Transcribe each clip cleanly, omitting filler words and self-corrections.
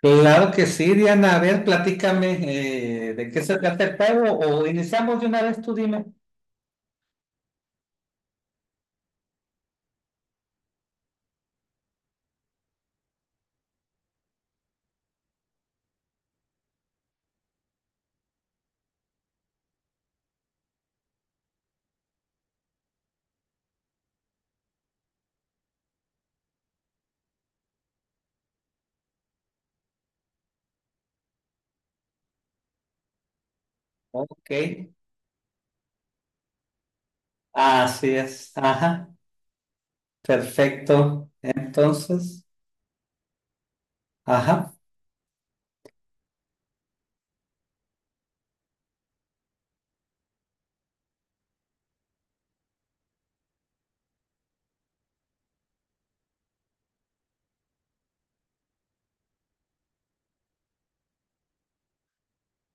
Claro que sí, Diana. A ver, platícame de qué se trata el juego o iniciamos de una vez, tú dime. Ok, así es. Ajá, perfecto. Entonces, ajá.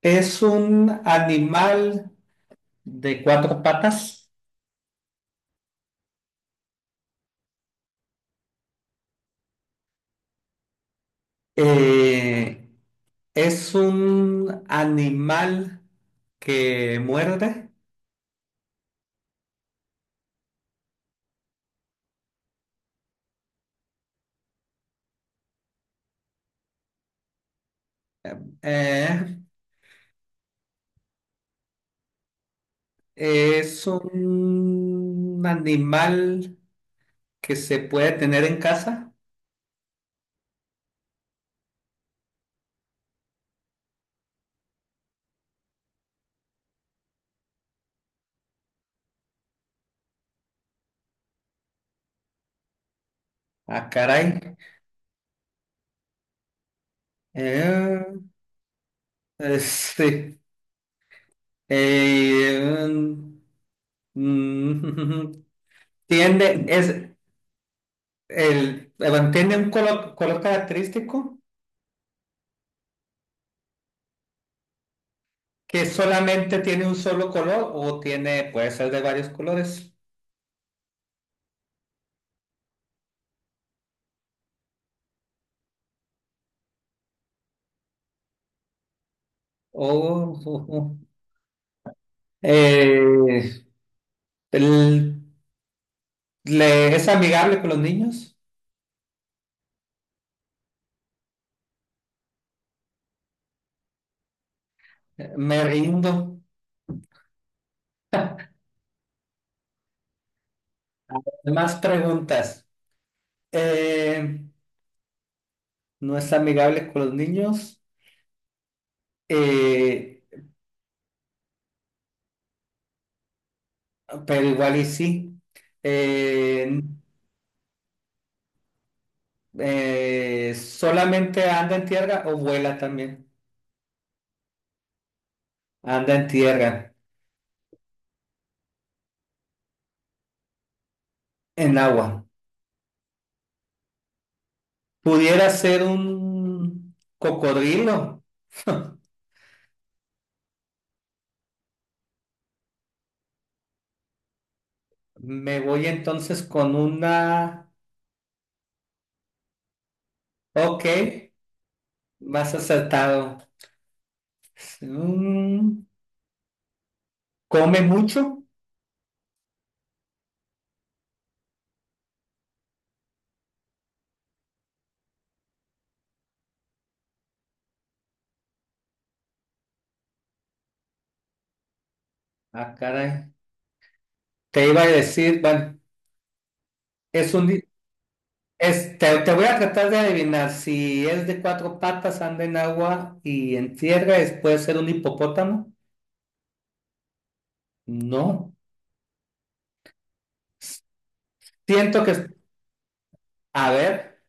Es un animal de cuatro patas. Eh, es un animal que muerde. Eh, es un animal que se puede tener en casa. Ah, caray. Eh, este, eh, mm, tiende, es tiene un color, color característico que solamente tiene un solo color o tiene, puede ser de varios colores. Oh, oh, oh. Eh, el- le, ¿es amigable con los niños? Me rindo. Más preguntas. Eh, ¿No es amigable con los niños? Eh, Pero igual y sí. Eh, solamente anda en tierra o vuela también. Anda en tierra, en agua. Pudiera ser un cocodrilo. Me voy entonces con una... Ok, más acertado. Mm, ¿come mucho? Ah, caray. Te iba a decir, bueno, es este, te voy a tratar de adivinar si es de cuatro patas, anda en agua y en tierra, puede ser un hipopótamo. No. Siento que es- A ver,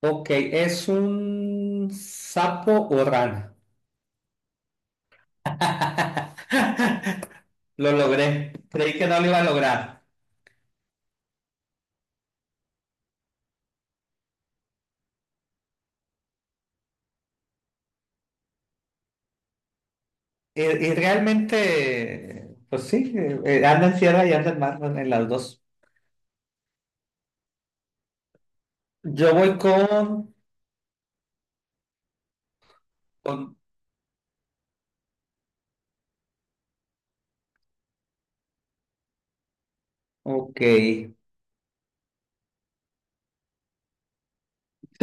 ok, ¿es un sapo o rana? Lo logré. Creí que no lo iba a lograr. Y realmente, pues sí, anda en tierra y anda en mar, en las dos. Yo voy con... Ok. Sí,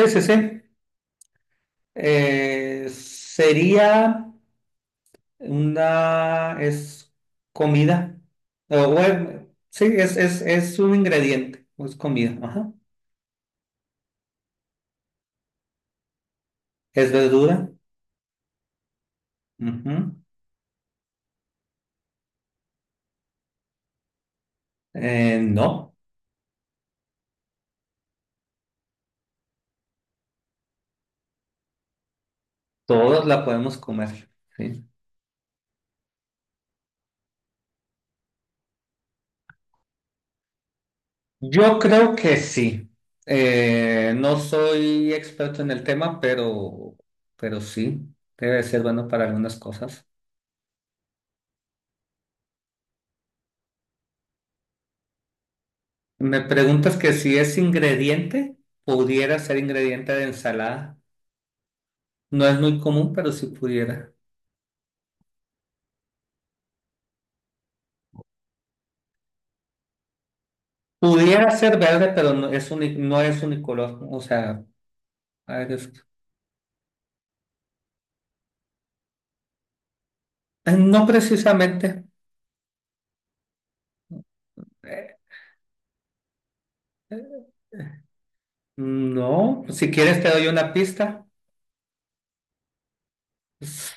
sí, sí. Sería una, es comida. O, bueno, sí, es un ingrediente, o es comida. Ajá. Es verdura. Ujú. No, todos la podemos comer. Sí. Yo creo que sí. No soy experto en el tema, pero sí, debe ser bueno para algunas cosas. Me preguntas que si es ingrediente, pudiera ser ingrediente de ensalada. No es muy común, pero si pudiera. Pudiera ser verde, pero no es unicolor. O sea, a ver, es- no precisamente. Eh, No, si quieres te doy una pista. Es,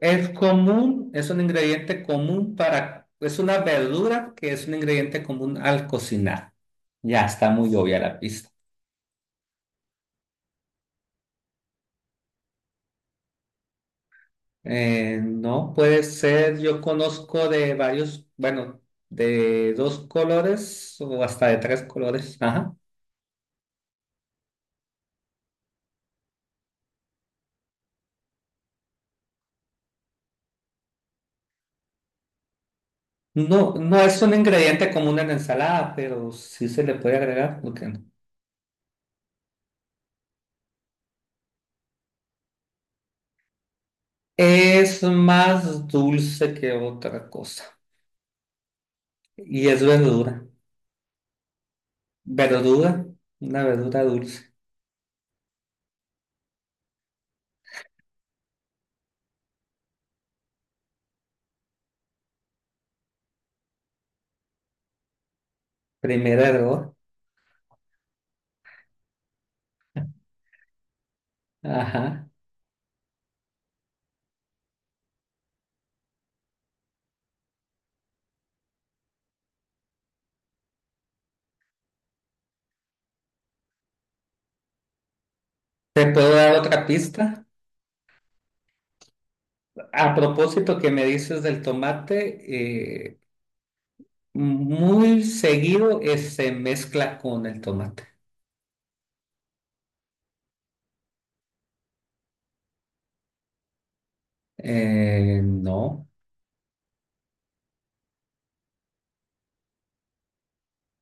es común, es un ingrediente común para, es una verdura que es un ingrediente común al cocinar. Ya está muy obvia la pista. No puede ser, yo conozco de varios, bueno, de dos colores o hasta de tres colores. Ajá. No, no es un ingrediente común en la ensalada, pero sí se le puede agregar, ¿por qué no? Es más dulce que otra cosa. Y es verdura. Verdura, una verdura dulce. Primer error. Ajá. ¿Te puedo dar otra pista? A propósito que me dices del tomate, muy seguido se mezcla con el tomate. No,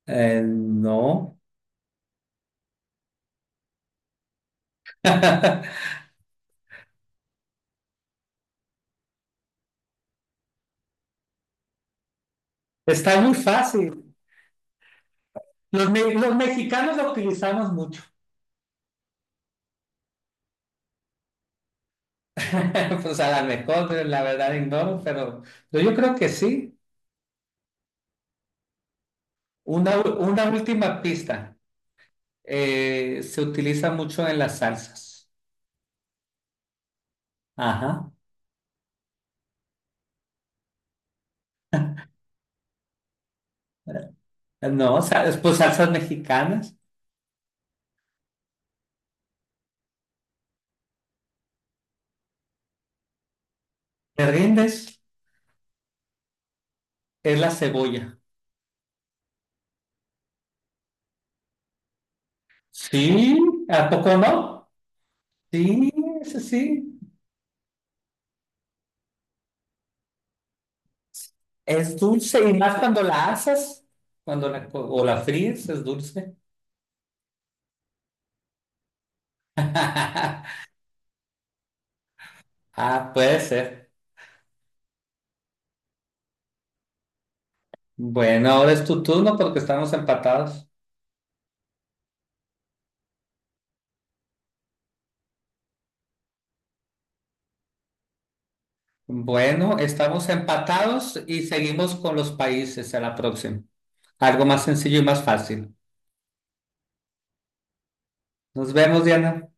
no. Está muy fácil. Los, los mexicanos la utilizamos mucho. Pues a lo mejor, la verdad ignoro, pero yo creo que sí. Una última pista. Se utiliza mucho en las salsas. Ajá. No, pues salsas mexicanas. ¿Te rindes? Es la cebolla. Sí, ¿a poco no? Sí, sí, sí. Es dulce y más cuando la asas, cuando o la fríes, es dulce. Ah, puede ser. Bueno, ahora es tu turno porque estamos empatados. Bueno, estamos empatados y seguimos con los países a la próxima. Algo más sencillo y más fácil. Nos vemos, Diana.